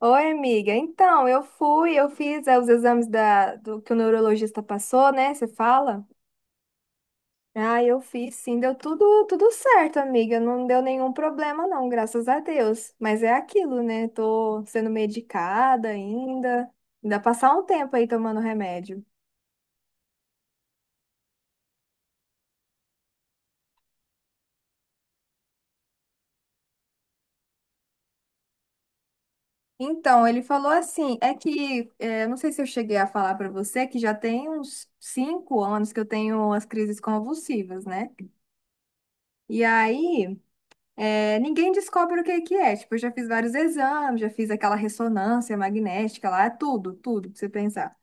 Oi, amiga. Então, eu fui, eu fiz os exames do que o neurologista passou, né? Você fala? Ah, eu fiz, sim, deu tudo certo, amiga. Não deu nenhum problema, não, graças a Deus. Mas é aquilo, né? Tô sendo medicada ainda. Ainda passar um tempo aí tomando remédio. Então, ele falou assim, é que, não sei se eu cheguei a falar pra você, que já tem uns 5 anos que eu tenho as crises convulsivas, né? E aí ninguém descobre o que é que é. Tipo, eu já fiz vários exames, já fiz aquela ressonância magnética lá, é tudo, tudo pra você pensar.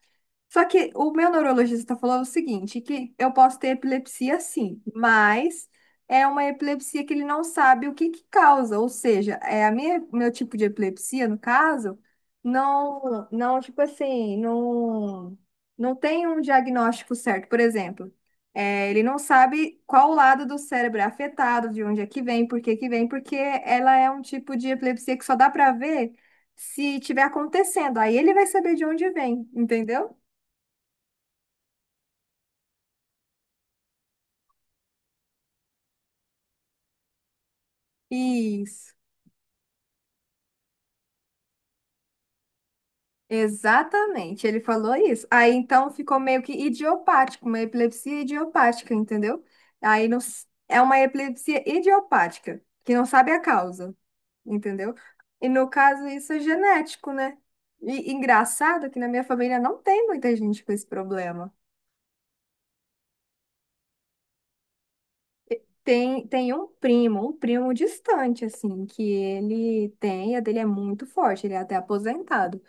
Só que o meu neurologista falou o seguinte, que eu posso ter epilepsia sim, mas é uma epilepsia que ele não sabe o que que causa, ou seja, é a minha, meu tipo de epilepsia, no caso, não, não, tipo assim, não, não tem um diagnóstico certo, por exemplo, ele não sabe qual lado do cérebro é afetado, de onde é que vem, por que que vem, porque ela é um tipo de epilepsia que só dá para ver se tiver acontecendo, aí ele vai saber de onde vem, entendeu? Isso, exatamente, ele falou isso. Aí então ficou meio que idiopático, uma epilepsia idiopática, entendeu? Aí não, é uma epilepsia idiopática, que não sabe a causa, entendeu? E no caso isso é genético, né? E engraçado que na minha família não tem muita gente com esse problema. Tem, tem um primo distante, assim, que ele tem, a dele é muito forte, ele é até aposentado.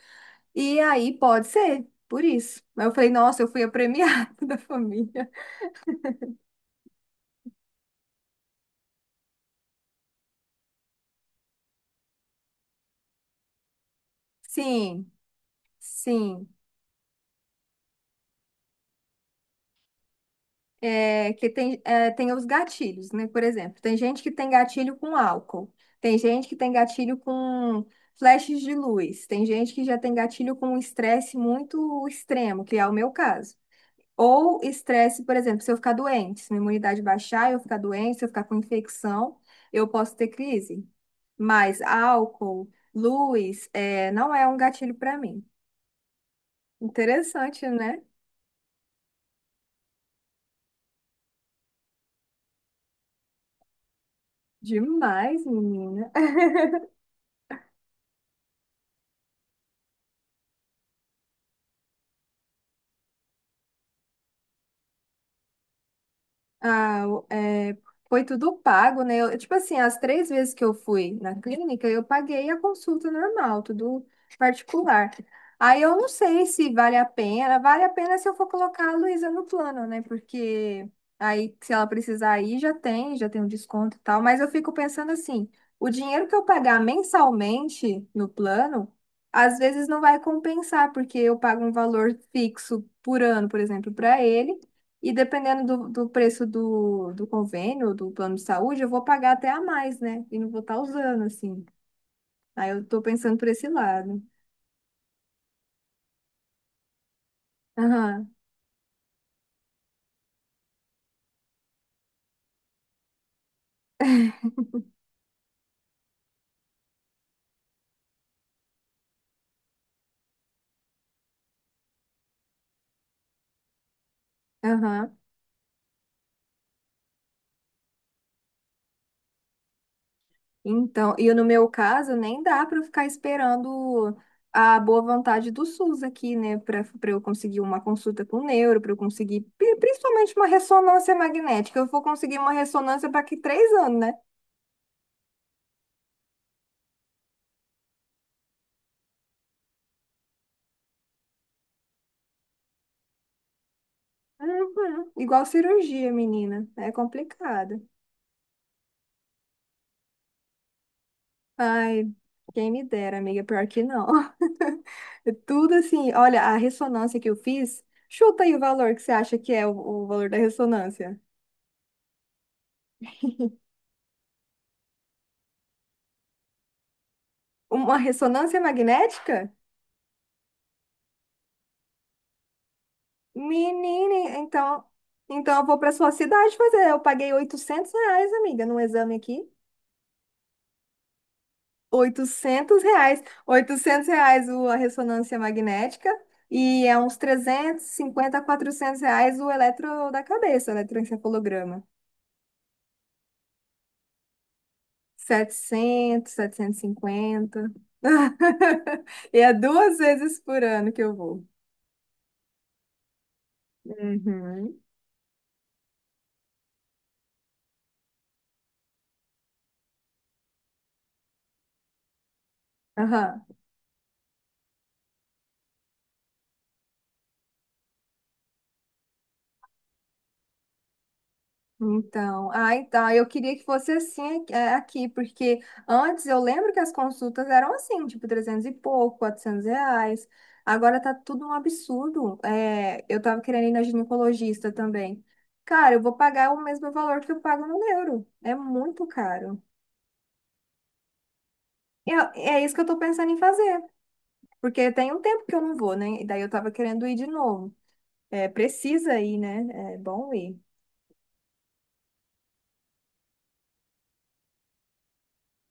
E aí pode ser, por isso. Mas eu falei, nossa, eu fui a premiada da família. Sim, sim. É, que tem, tem os gatilhos, né? Por exemplo, tem gente que tem gatilho com álcool, tem gente que tem gatilho com flashes de luz, tem gente que já tem gatilho com um estresse muito extremo, que é o meu caso. Ou estresse, por exemplo, se eu ficar doente, se minha imunidade baixar, eu ficar doente, se eu ficar com infecção, eu posso ter crise. Mas álcool, luz, não é um gatilho para mim. Interessante, né? Demais, menina. Ah, foi tudo pago, né? Eu, tipo assim, as 3 vezes que eu fui na clínica, eu paguei a consulta normal, tudo particular. Aí eu não sei se vale a pena. Vale a pena se eu for colocar a Luísa no plano, né? Porque aí, se ela precisar ir, já tem um desconto e tal. Mas eu fico pensando assim, o dinheiro que eu pagar mensalmente no plano, às vezes não vai compensar, porque eu pago um valor fixo por ano, por exemplo, para ele. E dependendo do, do preço do, do convênio, do plano de saúde, eu vou pagar até a mais, né? E não vou estar usando, assim. Aí eu tô pensando por esse lado. Aham, aham. Então, e no meu caso, nem dá para eu ficar esperando a boa vontade do SUS aqui, né? Para eu conseguir uma consulta com o neuro, para eu conseguir, principalmente uma ressonância magnética. Eu vou conseguir uma ressonância para que 3 anos, né? Uhum. Igual cirurgia, menina. É complicado. Ai, quem me dera, amiga, pior que não. É tudo assim, olha, a ressonância que eu fiz, chuta aí o valor que você acha que é o valor da ressonância. Uma ressonância magnética? Menina, então, então eu vou para sua cidade fazer. Eu paguei 800 reais, amiga, num exame aqui. 800 reais. 800 reais a ressonância magnética, e é uns 350 a 400 reais o eletro da cabeça, o eletroencefalograma. Setecentos e cinquenta. E é 2 vezes por ano que eu vou. Uhum. Aham. Então, ah, então, eu queria que fosse assim, aqui, porque antes eu lembro que as consultas eram assim, tipo 300 e pouco, 400 reais. Agora tá tudo um absurdo. É, eu tava querendo ir na ginecologista também. Cara, eu vou pagar o mesmo valor que eu pago no euro. É muito caro. É isso que eu tô pensando em fazer. Porque tem um tempo que eu não vou, né? E daí eu tava querendo ir de novo. É, precisa ir, né? É bom ir.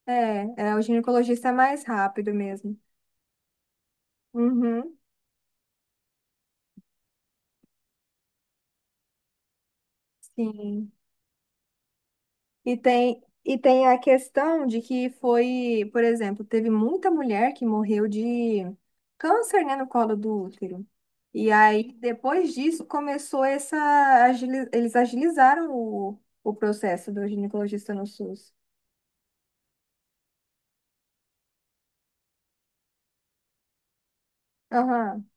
É, é, o ginecologista é mais rápido mesmo. Uhum, sim. E tem a questão de que foi, por exemplo, teve muita mulher que morreu de câncer, né, no colo do útero. E aí, depois disso, começou essa. Eles agilizaram o processo do ginecologista no SUS. Aham.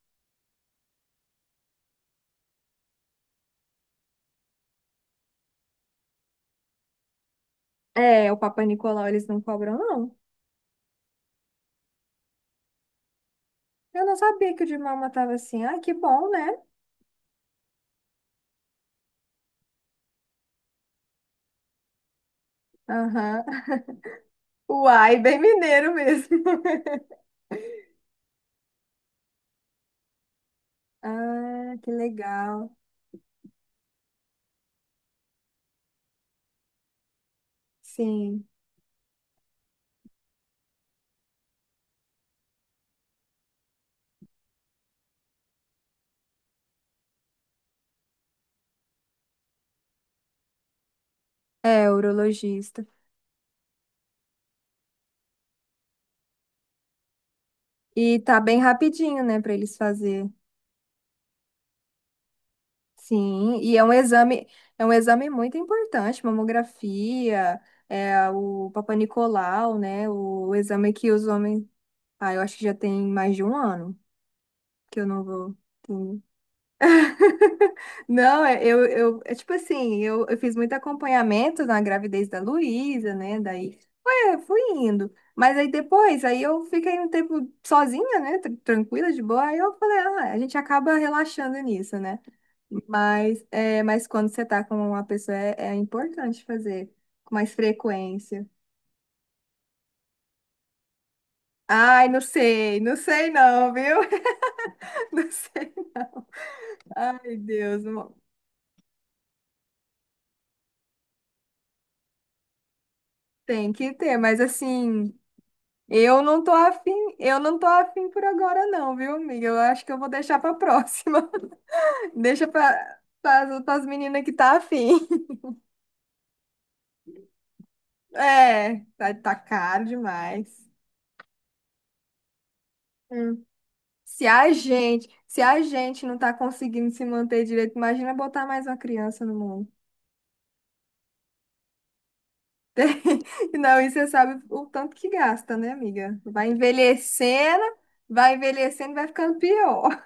É, o Papai Nicolau eles não cobram, não. Eu não sabia que o de Malma tava assim. Ah, que bom, né? Aham. Uai, bem mineiro mesmo. Ah, que legal. Sim. É, urologista. E tá bem rapidinho, né, pra eles fazer. Sim, e é um exame muito importante, mamografia, é o Papanicolau, né? O exame que os homens. Ah, eu acho que já tem mais de um ano que eu não vou. Não, eu, é tipo assim, eu fiz muito acompanhamento na gravidez da Luísa, né? Daí foi, fui indo. Mas aí depois, aí eu fiquei um tempo sozinha, né? Tranquila, de boa. Aí eu falei, ah, a gente acaba relaxando nisso, né? Mas, mas quando você tá com uma pessoa, é importante fazer com mais frequência. Ai, não sei, não sei não, viu? Não sei. Ai, Deus, não, tem que ter, mas assim. Eu não tô afim, eu não tô afim por agora não, viu, amiga? Eu acho que eu vou deixar pra próxima. Deixa pras meninas que tá afim. É, tá caro demais. Hum. Se a gente não tá conseguindo se manter direito, imagina botar mais uma criança no mundo. Não, e você sabe o tanto que gasta, né, amiga? Vai envelhecendo, vai envelhecendo, vai ficando pior.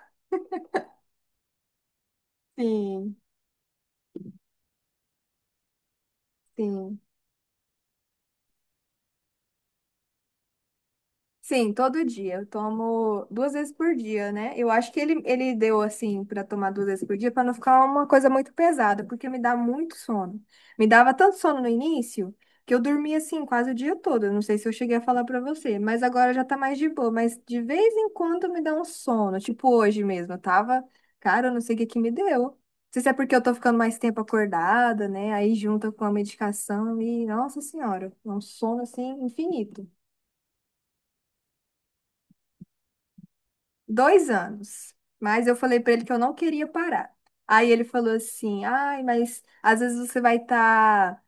Sim, sim. Sim, todo dia. Eu tomo 2 vezes por dia, né? Eu acho que ele deu assim para tomar 2 vezes por dia para não ficar uma coisa muito pesada, porque me dá muito sono. Me dava tanto sono no início que eu dormia assim quase o dia todo. Eu não sei se eu cheguei a falar para você, mas agora já tá mais de boa. Mas de vez em quando me dá um sono, tipo hoje mesmo. Eu tava, cara, eu não sei o que que me deu. Não sei se é porque eu tô ficando mais tempo acordada, né? Aí junta com a medicação e, nossa senhora, é um sono assim infinito. 2 anos, mas eu falei para ele que eu não queria parar. Aí ele falou assim, ai, mas às vezes você vai estar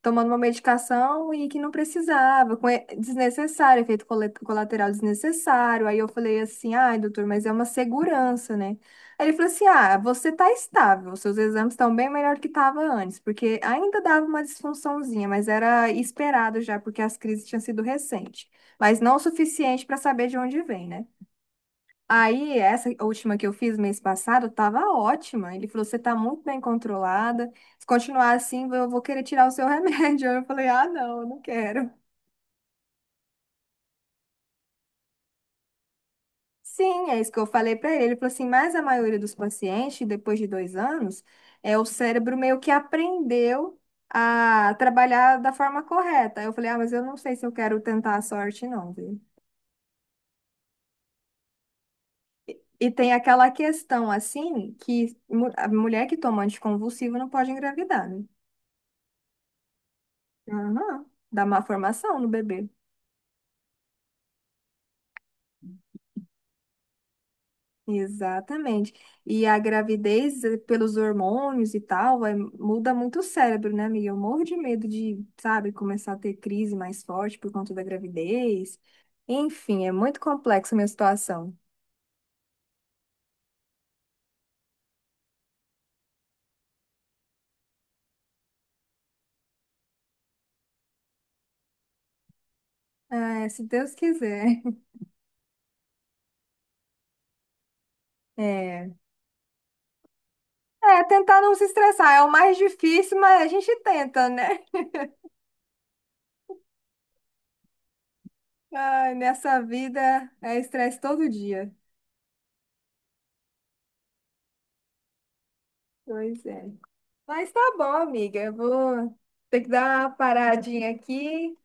tomando uma medicação e que não precisava, desnecessário, efeito colateral desnecessário. Aí eu falei assim, ai, doutor, mas é uma segurança, né? Aí ele falou assim, ah, você está estável, seus exames estão bem melhor que estava antes, porque ainda dava uma disfunçãozinha, mas era esperado já, porque as crises tinham sido recentes, mas não o suficiente para saber de onde vem, né? Aí, essa última que eu fiz mês passado tava ótima. Ele falou: você tá muito bem controlada. Se continuar assim, eu vou querer tirar o seu remédio. Eu falei: ah, não, eu não quero. Sim, é isso que eu falei para ele. Ele falou assim: mas a maioria dos pacientes, depois de 2 anos, é o cérebro meio que aprendeu a trabalhar da forma correta. Aí eu falei: ah, mas eu não sei se eu quero tentar a sorte, não, viu? E tem aquela questão assim que a mulher que toma anticonvulsivo não pode engravidar, né? Aham, dá má formação no bebê. Exatamente. E a gravidez, pelos hormônios e tal, vai, muda muito o cérebro, né, amiga? Eu morro de medo de, sabe, começar a ter crise mais forte por conta da gravidez. Enfim, é muito complexa a minha situação. É, se Deus quiser. É. É, tentar não se estressar é o mais difícil, mas a gente tenta, né? Ai, nessa vida é estresse todo dia. Pois é. Mas tá bom, amiga. Eu vou ter que dar uma paradinha aqui.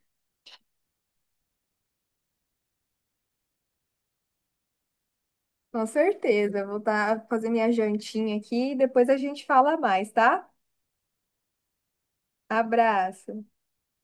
Com certeza. Eu vou tá fazer minha jantinha aqui e depois a gente fala mais, tá? Abraço.